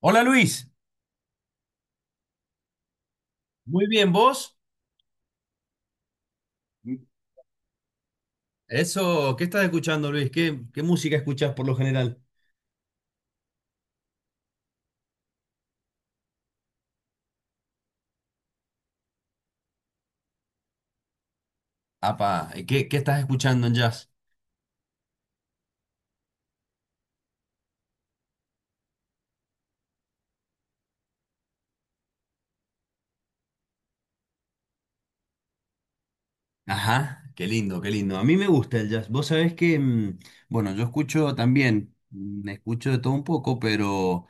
Hola Luis, muy bien, ¿vos? Mm. Eso, ¿qué estás escuchando, Luis? ¿Qué música escuchás por lo general? Apa, ¿qué estás escuchando en jazz? Ajá, qué lindo, qué lindo. A mí me gusta el jazz. Vos sabés que, bueno, yo escucho también, escucho de todo un poco,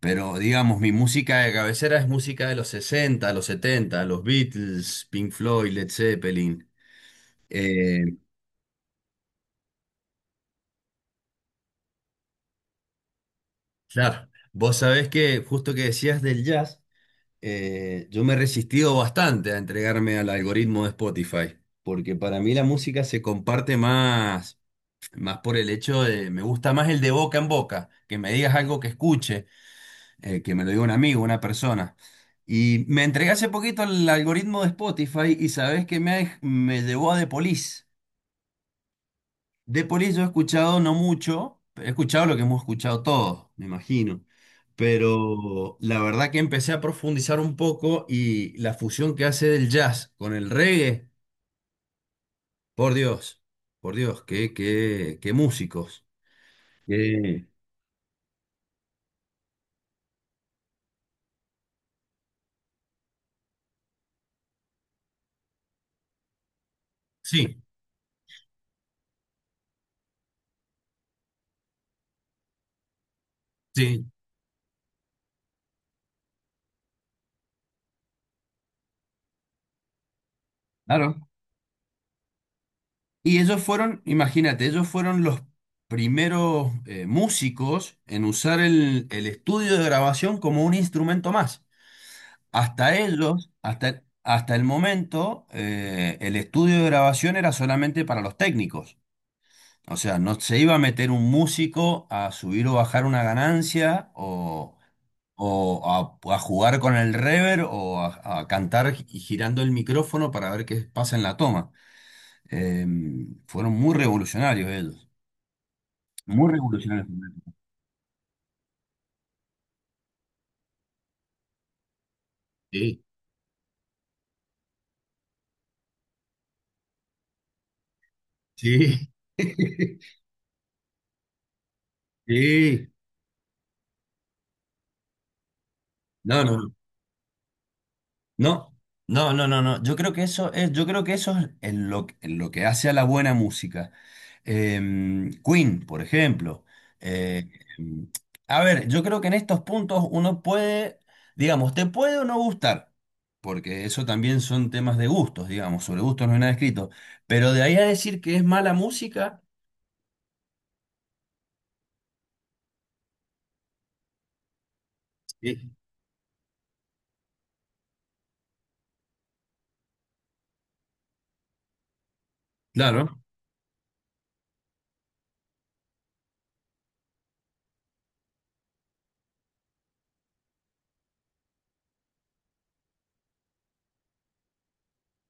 pero digamos, mi música de cabecera es música de los 60, los 70, los Beatles, Pink Floyd, Led Zeppelin. Eh, claro, vos sabés que justo que decías del jazz. Yo me he resistido bastante a entregarme al algoritmo de Spotify, porque para mí la música se comparte más, más por el hecho de, me gusta más el de boca en boca, que me digas algo que escuche, que me lo diga un amigo, una persona. Y me entregué hace poquito al algoritmo de Spotify y sabes que me, me llevó a The Police. De Police yo he escuchado no mucho, he escuchado lo que hemos escuchado todos, me imagino. Pero la verdad que empecé a profundizar un poco y la fusión que hace del jazz con el reggae, por Dios, por Dios, qué músicos. Qué- Sí, sí, claro. Y ellos fueron, imagínate, ellos fueron los primeros músicos en usar el estudio de grabación como un instrumento más. Hasta ellos, hasta el momento, el estudio de grabación era solamente para los técnicos. O sea, no se iba a meter un músico a subir o bajar una ganancia o a jugar con el reverb o a cantar girando el micrófono para ver qué pasa en la toma. Eh, Fueron muy revolucionarios ellos. Muy revolucionarios. Sí, sí. Sí. No, no. No, no, no, no, no. Yo creo que eso es en lo que hace a la buena música. Queen, por ejemplo. Eh, em, a ver, yo creo que en estos puntos uno puede, digamos, te puede o no gustar, porque eso también son temas de gustos, digamos, sobre gustos no hay nada escrito. Pero de ahí a decir que es mala música, eh, claro,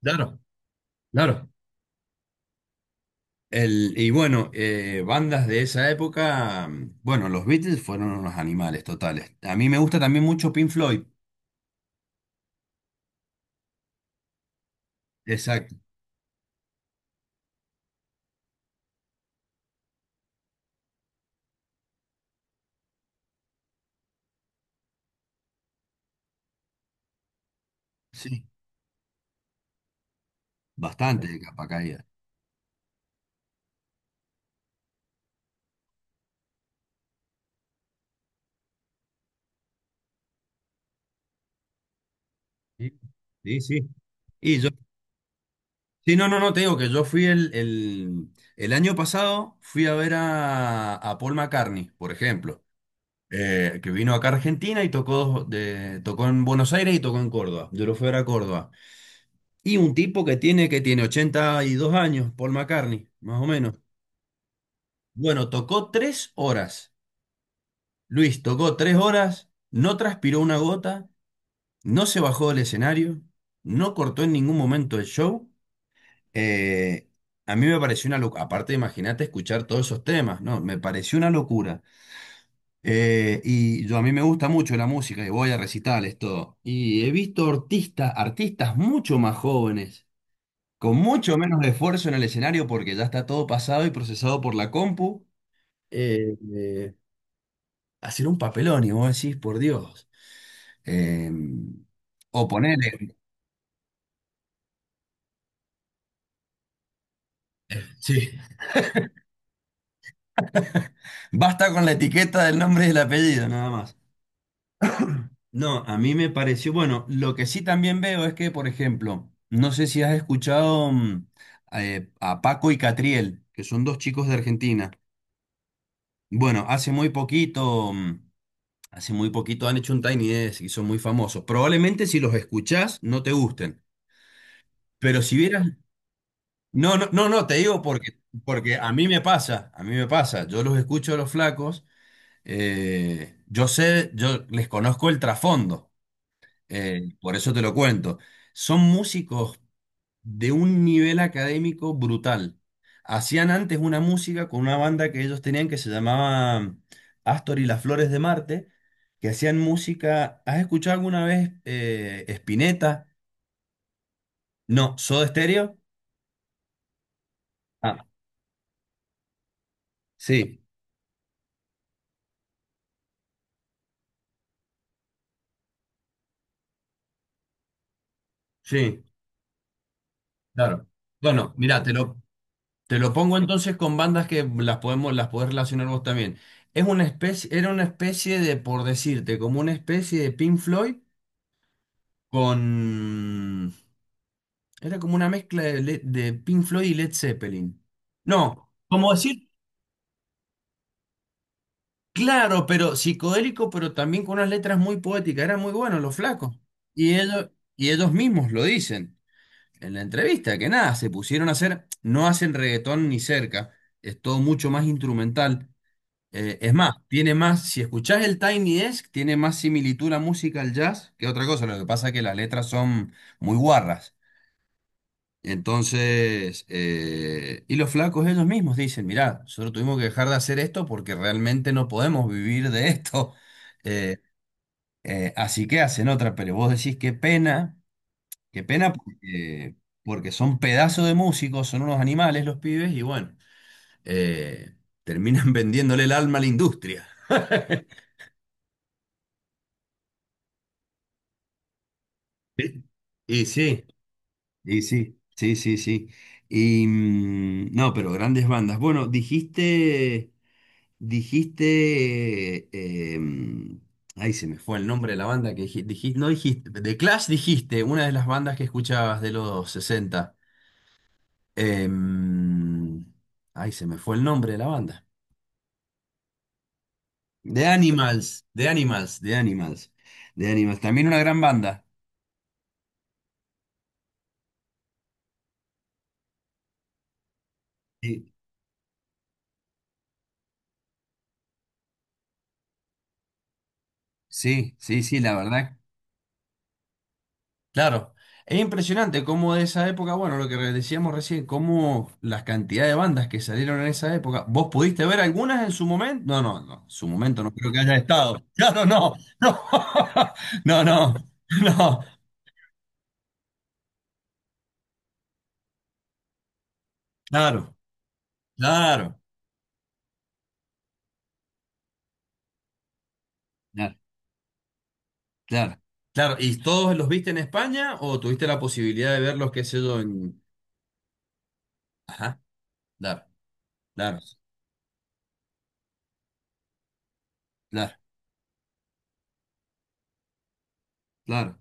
claro, claro. Y bueno, bandas de esa época, mm, bueno, los Beatles fueron unos animales totales. A mí me gusta también mucho Pink Floyd. Exacto, sí, bastante de capa caída. Sí, sí. Sí. Y yo, sí, no, no, no, te digo que yo fui el, el año pasado, fui a ver a, Paul McCartney, por ejemplo, que vino acá a Argentina y tocó en Buenos Aires y tocó en Córdoba. Yo lo fui a ver a Córdoba. Y un tipo que tiene 82 años, Paul McCartney, más o menos. Bueno, tocó 3 horas. Luis tocó 3 horas, no transpiró una gota, no se bajó del escenario, no cortó en ningún momento el show. Eh, a mí me pareció una locura. Aparte, imagínate escuchar todos esos temas, ¿no? Me pareció una locura. Y yo a mí me gusta mucho la música y voy a recitales, todo. Y he visto artistas, artistas mucho más jóvenes, con mucho menos esfuerzo en el escenario porque ya está todo pasado y procesado por la compu. Eh, eh, Hacer un papelón y vos decís, por Dios. eh, o ponerle, sí, basta con la etiqueta del nombre y el apellido, nada más. No, a mí me pareció, bueno, lo que sí también veo es que, por ejemplo, no sé si has escuchado a Paco y Catriel, que son dos chicos de Argentina. Bueno, hace muy poquito han hecho un Tiny Desk y son muy famosos. Probablemente si los escuchás no te gusten, pero si vieras... No, no, no, no, te digo porque, a mí me pasa, yo los escucho a los flacos, yo sé, yo les conozco el trasfondo, por eso te lo cuento. Son músicos de un nivel académico brutal. Hacían antes una música con una banda que ellos tenían que se llamaba Astor y las Flores de Marte, que hacían música, ¿has escuchado alguna vez Spinetta? No, ¿Soda Stereo? Ah, sí, sí. Claro. Bueno, mira, te lo pongo entonces con bandas que las podemos, las podés relacionar vos también. Era una especie de, por decirte, como una especie de Pink Floyd con... Era como una mezcla de Pink Floyd y Led Zeppelin. No, como decir, claro, pero psicodélico, pero también con unas letras muy poéticas. Eran muy buenos los flacos. Y ellos, y ellos mismos lo dicen. En la entrevista, que nada, se pusieron a hacer, no hacen reggaetón ni cerca, es todo mucho más instrumental. Es más, tiene más, si escuchás el Tiny Desk, tiene más similitud la música al jazz que otra cosa, lo que pasa es que las letras son muy guarras. Entonces, y los flacos ellos mismos dicen, mirá, nosotros tuvimos que dejar de hacer esto porque realmente no podemos vivir de esto. Eh, Así que hacen otra, pero vos decís qué pena. Qué pena porque, son pedazos de músicos, son unos animales los pibes y bueno, eh, terminan vendiéndole el alma a la industria. Sí. Y sí, y sí, sí, sí, sí. Y no, pero grandes bandas. Bueno, dijiste, eh, mm, ay, se me fue el nombre de la banda que dijiste, no dijiste, de Clash dijiste, una de las bandas que escuchabas de los 60. Eh, mm, Ay, se me fue el nombre de la banda. The Animals, The Animals, The Animals, The Animals. También una gran banda. Sí, sí, sí, sí, la verdad. Claro. Es impresionante cómo de esa época, bueno, lo que decíamos recién, cómo las cantidades de bandas que salieron en esa época. ¿Vos pudiste ver algunas en su momento? No, no, no. En su momento no creo que haya estado. Claro, no. No, no, no. No. Claro, claro, claro, claro. Claro. ¿Y todos los viste en España o tuviste la posibilidad de verlos, qué sé yo, en... Ajá, claro. Claro, claro, claro.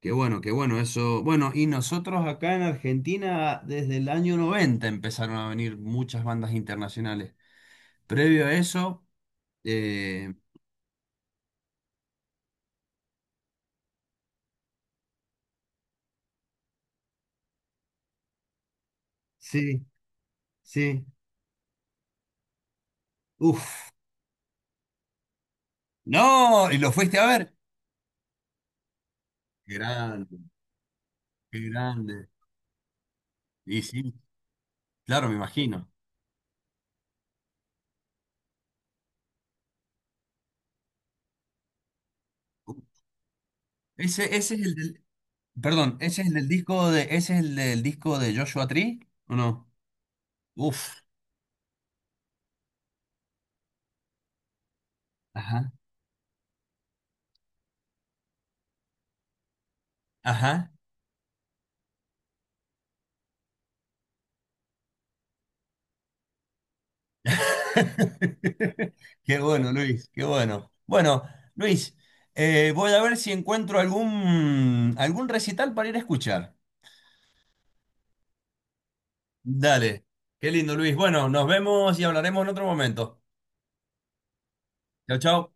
Qué bueno eso. Bueno, y nosotros acá en Argentina desde el año 90 empezaron a venir muchas bandas internacionales. Previo a eso, eh, sí, sí. Uf. No, y lo fuiste a ver. Qué grande, qué grande. Y sí, claro, me imagino. Uh, ese es el del, perdón, ese es el del disco de Joshua Tree, ¿o no? Uf. Ajá, ajá. Qué bueno, Luis, qué bueno. Bueno, Luis, voy a ver si encuentro algún recital para ir a escuchar. Dale, qué lindo, Luis. Bueno, nos vemos y hablaremos en otro momento. Chao, chao.